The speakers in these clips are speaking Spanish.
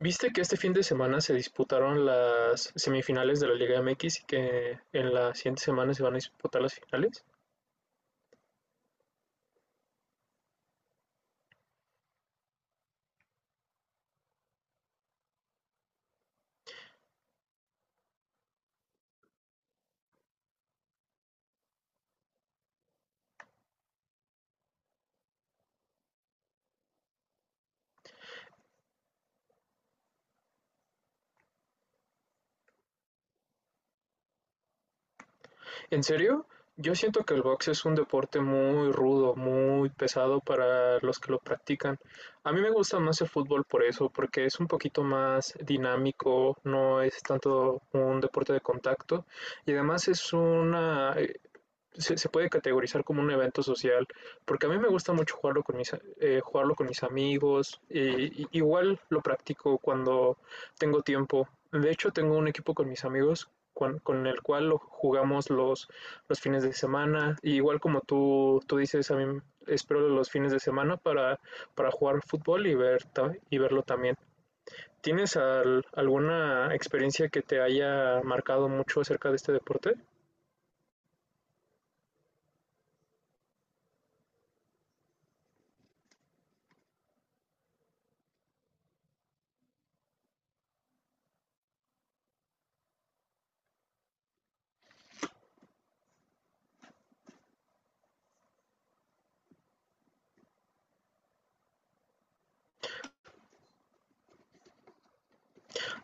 Viste que este fin de semana se disputaron las semifinales de la Liga MX y que en la siguiente semana se van a disputar las finales. ¿En serio? Yo siento que el box es un deporte muy rudo, muy pesado para los que lo practican. A mí me gusta más el fútbol por eso, porque es un poquito más dinámico, no es tanto un deporte de contacto y además es una se puede categorizar como un evento social, porque a mí me gusta mucho jugarlo con jugarlo con mis amigos, igual lo practico cuando tengo tiempo. De hecho, tengo un equipo con mis amigos con el cual lo jugamos los fines de semana, y igual como tú dices, a mí espero los fines de semana para jugar fútbol y verlo también. ¿Tienes alguna experiencia que te haya marcado mucho acerca de este deporte?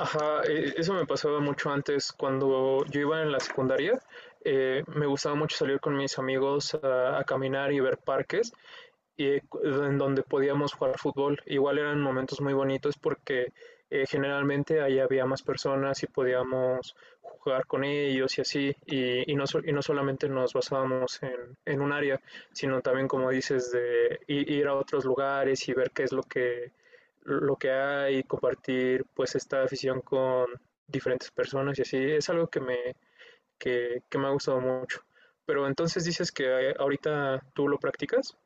Ajá, eso me pasaba mucho antes cuando yo iba en la secundaria. Me gustaba mucho salir con mis amigos a caminar y ver parques y en donde podíamos jugar fútbol. Igual eran momentos muy bonitos porque generalmente ahí había más personas y podíamos jugar con ellos y así, y no solamente nos basábamos en un área, sino también, como dices, de ir a otros lugares y ver qué es lo lo que hay y compartir pues esta afición con diferentes personas y así. Es algo que que me ha gustado mucho. Pero entonces dices que ahorita tú lo practicas.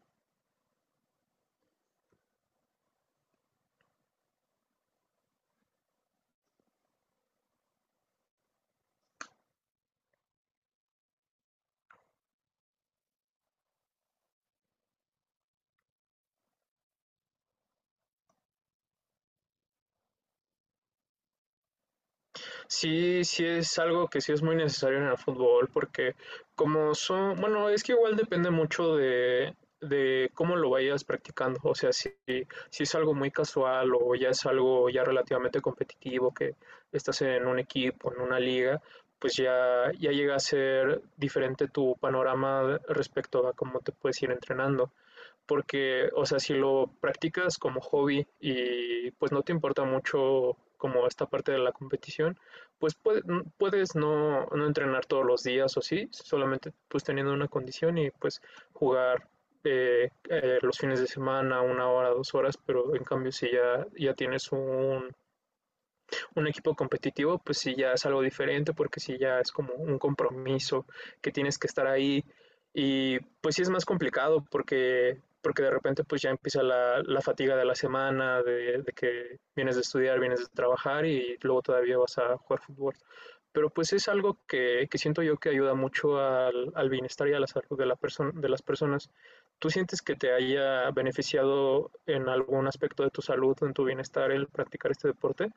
Sí, sí es algo que sí es muy necesario en el fútbol, porque como son, bueno, es que igual depende mucho de cómo lo vayas practicando. O sea, si es algo muy casual o ya es algo ya relativamente competitivo, que estás en un equipo, en una liga, pues ya llega a ser diferente tu panorama respecto a cómo te puedes ir entrenando porque, o sea, si lo practicas como hobby y pues no te importa mucho como esta parte de la competición, pues puede- puedes no entrenar todos los días o sí, solamente pues teniendo una condición y pues jugar los fines de semana, una hora, dos horas, pero en cambio si ya tienes un equipo competitivo, pues sí ya es algo diferente porque sí ya es como un compromiso que tienes que estar ahí y pues sí es más complicado porque porque de repente pues ya empieza la fatiga de la semana, que vienes de estudiar, vienes de trabajar y luego todavía vas a jugar fútbol. Pero pues es algo que siento yo que ayuda mucho al bienestar y a la salud de las personas. ¿Tú sientes que te haya beneficiado en algún aspecto de tu salud, o en tu bienestar el practicar este deporte?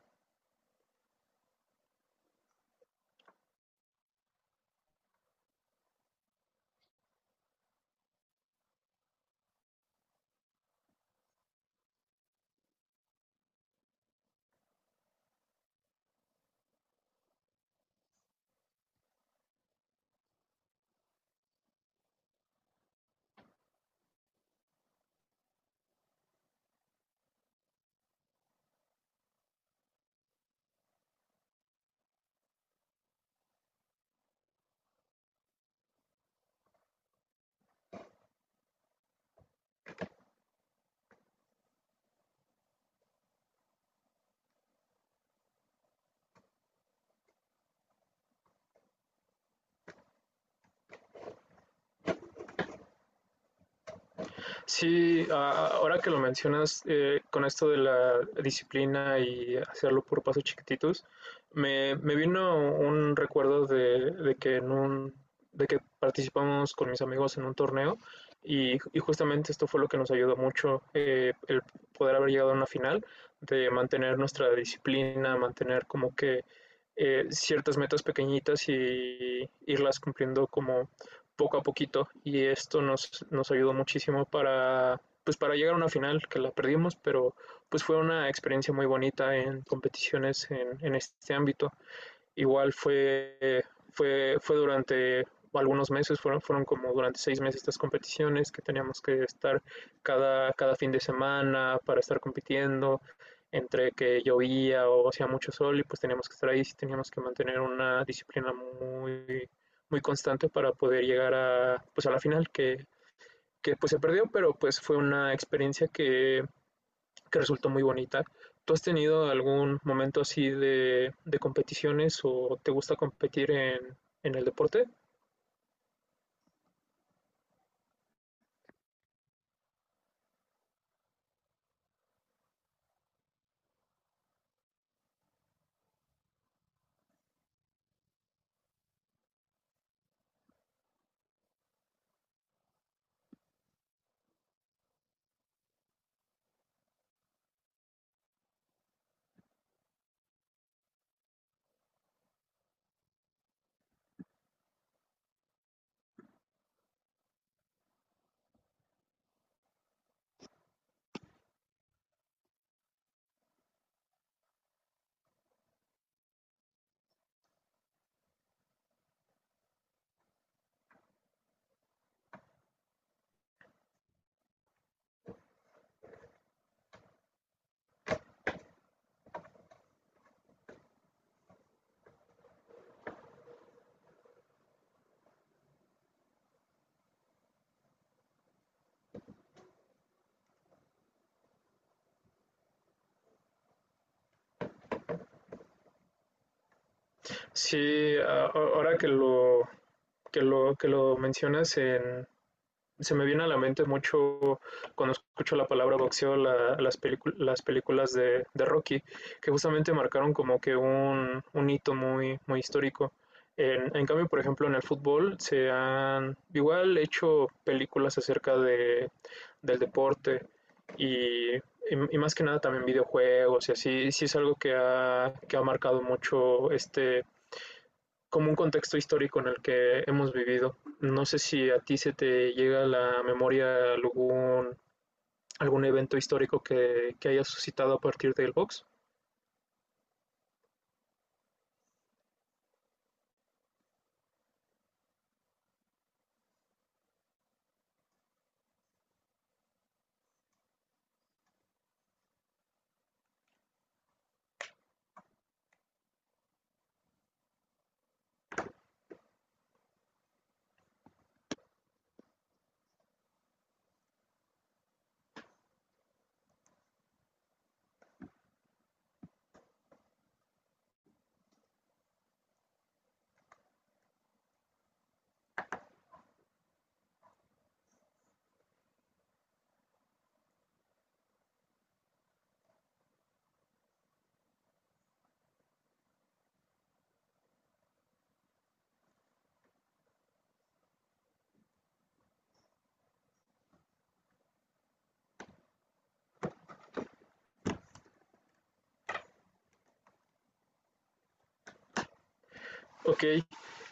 Sí, ahora que lo mencionas, con esto de la disciplina y hacerlo por pasos chiquititos, me vino un recuerdo de que en de que participamos con mis amigos en un torneo y justamente esto fue lo que nos ayudó mucho, el poder haber llegado a una final, de mantener nuestra disciplina, mantener como que ciertas metas pequeñitas y irlas cumpliendo como poco a poquito y esto nos ayudó muchísimo para, pues para llegar a una final que la perdimos, pero pues fue una experiencia muy bonita en competiciones en este ámbito. Igual fue, fue durante algunos meses, fueron como durante 6 meses estas competiciones que teníamos que estar cada fin de semana para estar compitiendo, entre que llovía o hacía mucho sol y pues teníamos que estar ahí, sí teníamos que mantener una disciplina muy constante para poder llegar a, pues a la final, que pues se perdió, pero pues fue una experiencia que resultó muy bonita. ¿Tú has tenido algún momento así de competiciones o te gusta competir en el deporte? Sí, a- ahora que lo, que lo, que lo mencionas en, se me viene a la mente mucho cuando escucho la palabra boxeo, las películas de Rocky, que justamente marcaron como que un hito muy, muy histórico. En cambio, por ejemplo, en el fútbol se han igual hecho películas acerca de, del deporte y, y- y más que nada también videojuegos y así, sí es algo que que ha marcado mucho este, como un contexto histórico en el que hemos vivido. No sé si a ti se te llega a la memoria algún, algún evento histórico que haya suscitado a partir del box. Ok,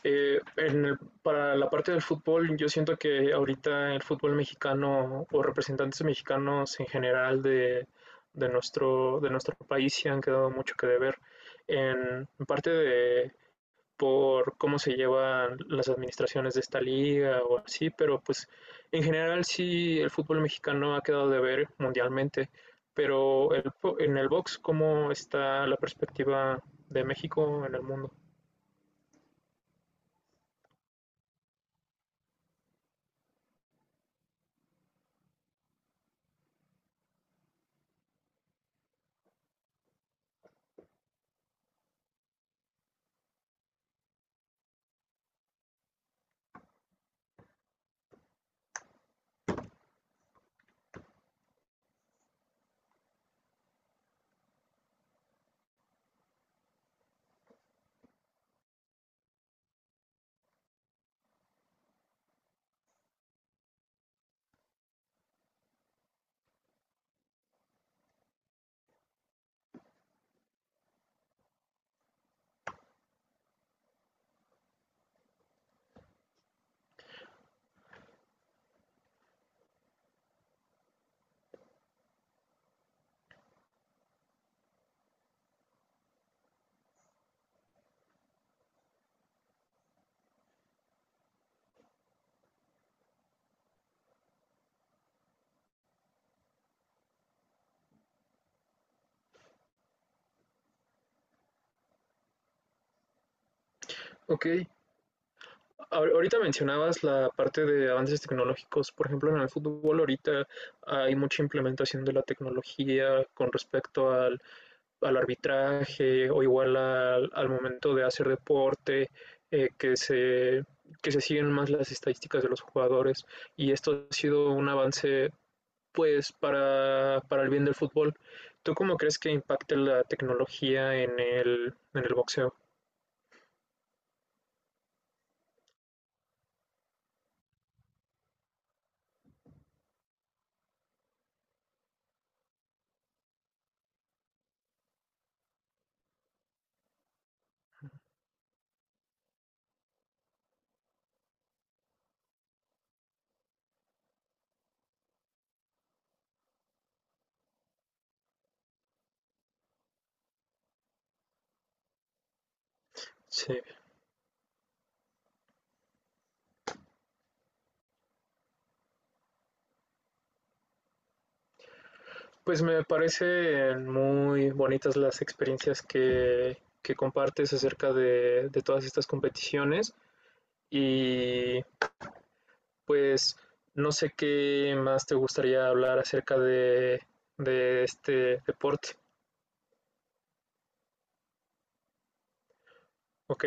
para la parte del fútbol, yo siento que ahorita el fútbol mexicano o representantes mexicanos en general de nuestro país se han quedado mucho que deber en parte de, por cómo se llevan las administraciones de esta liga o así, pero pues en general sí el fútbol mexicano ha quedado de ver mundialmente, pero en el box, ¿cómo está la perspectiva de México en el mundo? Ok, ahorita mencionabas la parte de avances tecnológicos, por ejemplo en el fútbol ahorita hay mucha implementación de la tecnología con respecto al arbitraje o igual al momento de hacer deporte, eh, que, se, que se siguen más las estadísticas de los jugadores y esto ha sido un avance pues para el bien del fútbol. ¿Tú cómo crees que impacte la tecnología en en el boxeo? Sí, pues me parecen muy bonitas las experiencias que compartes acerca de todas estas competiciones y Pues no sé qué más te gustaría hablar acerca de este deporte. Ok,